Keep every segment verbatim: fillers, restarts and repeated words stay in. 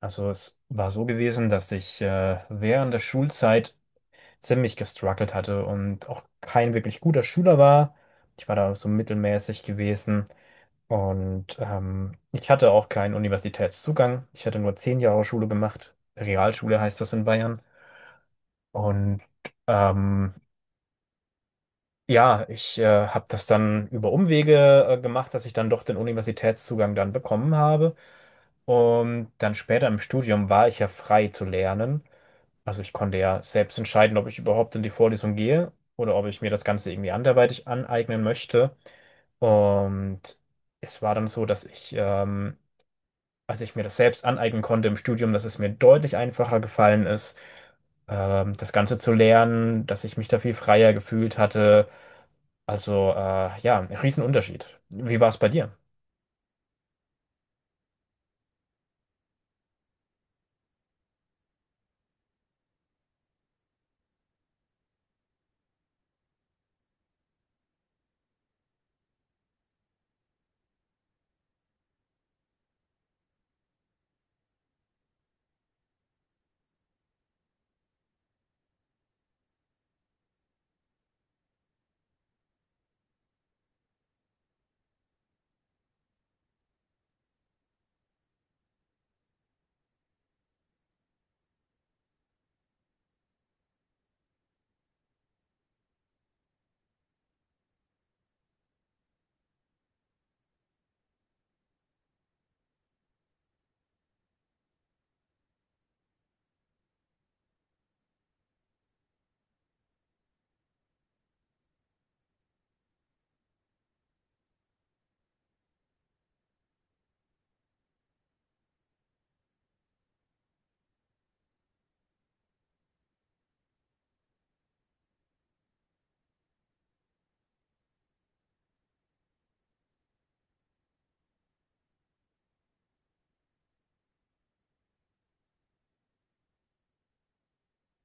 Also es war so gewesen, dass ich äh, während der Schulzeit ziemlich gestruggelt hatte und auch kein wirklich guter Schüler war. Ich war da so mittelmäßig gewesen und ähm, ich hatte auch keinen Universitätszugang. Ich hatte nur zehn Jahre Schule gemacht. Realschule heißt das in Bayern. Und ähm, ja, ich äh, habe das dann über Umwege äh, gemacht, dass ich dann doch den Universitätszugang dann bekommen habe. Und dann später im Studium war ich ja frei zu lernen. Also ich konnte ja selbst entscheiden, ob ich überhaupt in die Vorlesung gehe oder ob ich mir das Ganze irgendwie anderweitig aneignen möchte. Und es war dann so, dass ich, ähm, als ich mir das selbst aneignen konnte im Studium, dass es mir deutlich einfacher gefallen ist, ähm, das Ganze zu lernen, dass ich mich da viel freier gefühlt hatte. Also äh, ja, ein Riesenunterschied. Wie war es bei dir?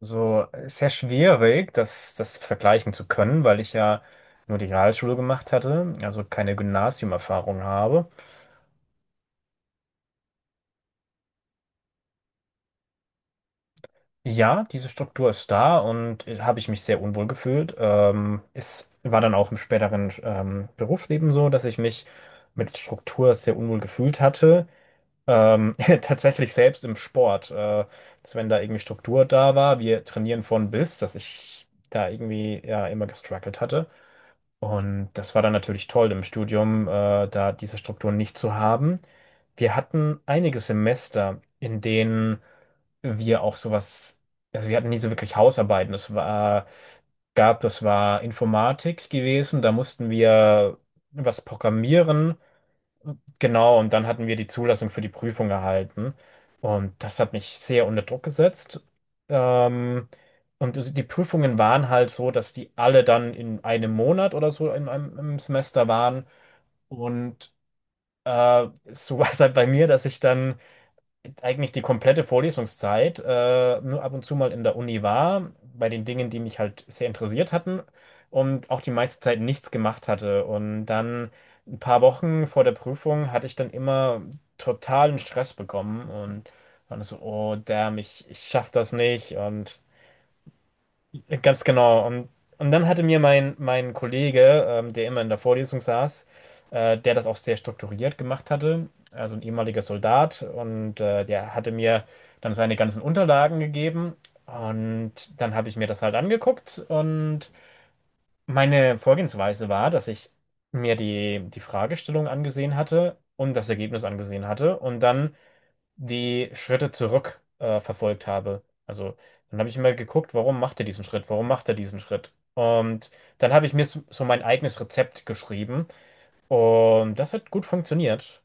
So, ist sehr schwierig, das, das vergleichen zu können, weil ich ja nur die Realschule gemacht hatte, also keine Gymnasiumerfahrung habe. Ja, diese Struktur ist da und äh, habe ich mich sehr unwohl gefühlt. Ähm, es war dann auch im späteren ähm, Berufsleben so, dass ich mich mit Struktur sehr unwohl gefühlt hatte. Ähm, tatsächlich selbst im Sport, äh, dass wenn da irgendwie Struktur da war, wir trainieren von bis, dass ich da irgendwie ja immer gestruggelt hatte. Und das war dann natürlich toll im Studium, äh, da diese Strukturen nicht zu haben. Wir hatten einige Semester, in denen wir auch sowas, also wir hatten nie so wirklich Hausarbeiten. Es war, gab, das war Informatik gewesen, da mussten wir was programmieren. Genau, und dann hatten wir die Zulassung für die Prüfung erhalten. Und das hat mich sehr unter Druck gesetzt. Ähm, und die Prüfungen waren halt so, dass die alle dann in einem Monat oder so in einem, im Semester waren. Und äh, so war es halt bei mir, dass ich dann eigentlich die komplette Vorlesungszeit, äh, nur ab und zu mal in der Uni war, bei den Dingen, die mich halt sehr interessiert hatten und auch die meiste Zeit nichts gemacht hatte. Und dann ein paar Wochen vor der Prüfung hatte ich dann immer totalen Stress bekommen und war dann so, oh damn, ich, ich schaff das nicht und ganz genau. Und, und dann hatte mir mein, mein Kollege, ähm, der immer in der Vorlesung saß, äh, der das auch sehr strukturiert gemacht hatte, also ein ehemaliger Soldat, und äh, der hatte mir dann seine ganzen Unterlagen gegeben. Und dann habe ich mir das halt angeguckt. Und meine Vorgehensweise war, dass ich mir die, die Fragestellung angesehen hatte und das Ergebnis angesehen hatte. Und dann die Schritte zurück äh, verfolgt habe. Also dann habe ich immer geguckt, warum macht er diesen Schritt? Warum macht er diesen Schritt? Und dann habe ich mir so so mein eigenes Rezept geschrieben und das hat gut funktioniert.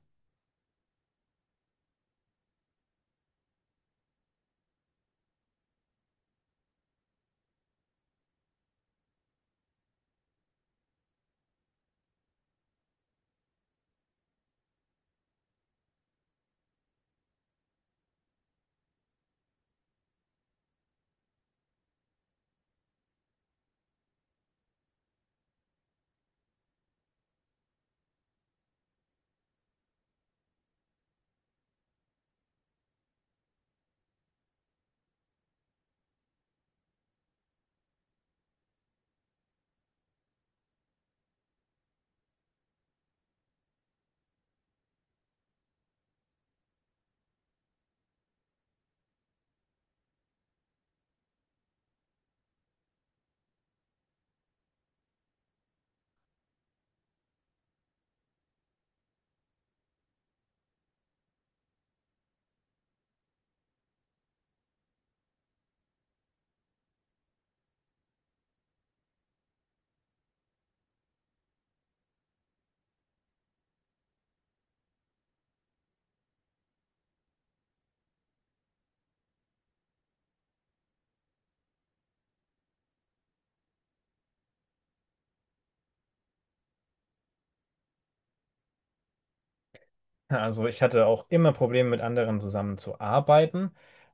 Also ich hatte auch immer Probleme mit anderen zusammenzuarbeiten.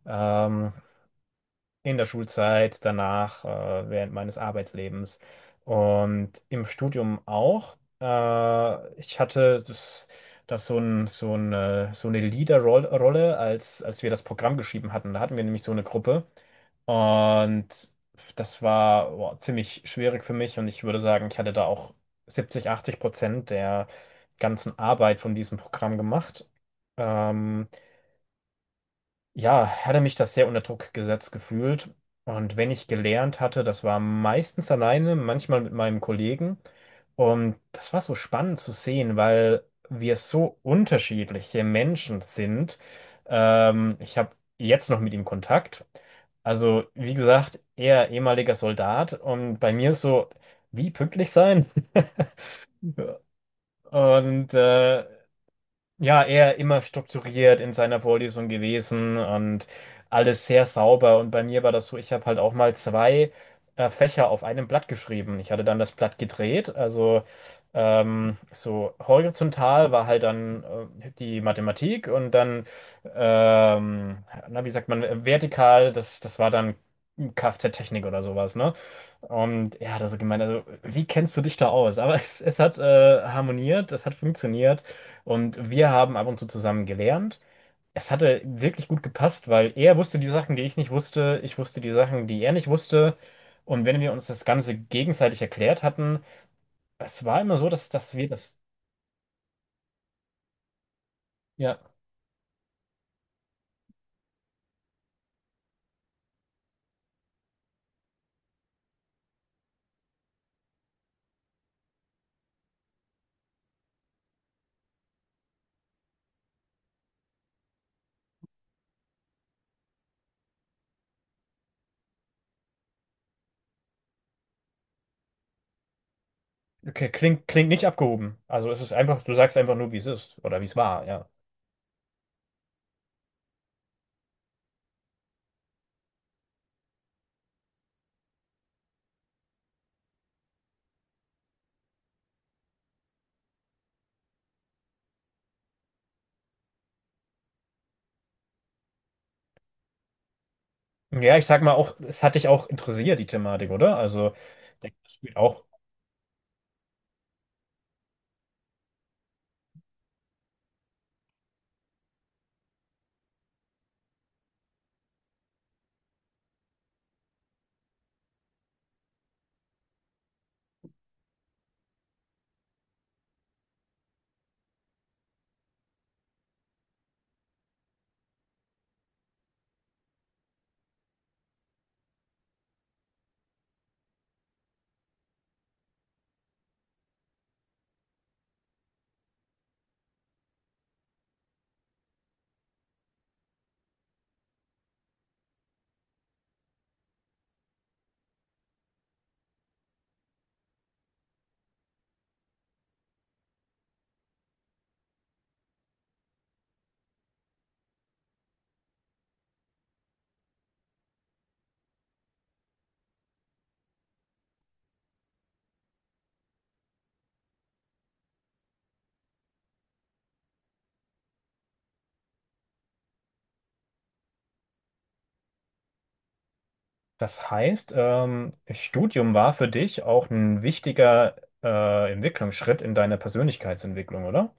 Ähm, in der Schulzeit, danach, äh, während meines Arbeitslebens und im Studium auch. Äh, ich hatte das, das so ein, so ein, äh, so eine Leaderrolle, als, als wir das Programm geschrieben hatten. Da hatten wir nämlich so eine Gruppe und das war boah, ziemlich schwierig für mich und ich würde sagen, ich hatte da auch 70, 80 Prozent der ganzen Arbeit von diesem Programm gemacht. Ähm, ja, hatte mich das sehr unter Druck gesetzt gefühlt. Und wenn ich gelernt hatte, das war meistens alleine, manchmal mit meinem Kollegen. Und das war so spannend zu sehen, weil wir so unterschiedliche Menschen sind. Ähm, ich habe jetzt noch mit ihm Kontakt. Also, wie gesagt, er ehemaliger Soldat und bei mir ist so, wie pünktlich sein? Und äh, ja, er immer strukturiert in seiner Vorlesung gewesen und alles sehr sauber. Und bei mir war das so, ich habe halt auch mal zwei äh, Fächer auf einem Blatt geschrieben. Ich hatte dann das Blatt gedreht. Also ähm, so horizontal war halt dann äh, die Mathematik und dann, ähm, na, wie sagt man, äh, vertikal, das, das war dann Kfz-Technik oder sowas, ne? Und er hat also gemeint, also wie kennst du dich da aus? Aber es, es hat äh, harmoniert, es hat funktioniert. Und wir haben ab und zu zusammen gelernt. Es hatte wirklich gut gepasst, weil er wusste die Sachen, die ich nicht wusste, ich wusste die Sachen, die er nicht wusste. Und wenn wir uns das Ganze gegenseitig erklärt hatten, es war immer so, dass, dass wir das, ja, okay, klingt, klingt nicht abgehoben. Also es ist einfach, du sagst einfach nur, wie es ist oder wie es war, ja. Ja, ich sag mal auch, es hat dich auch interessiert, die Thematik, oder? Also, der spielt auch. Das heißt, ähm, Studium war für dich auch ein wichtiger äh, Entwicklungsschritt in deiner Persönlichkeitsentwicklung, oder?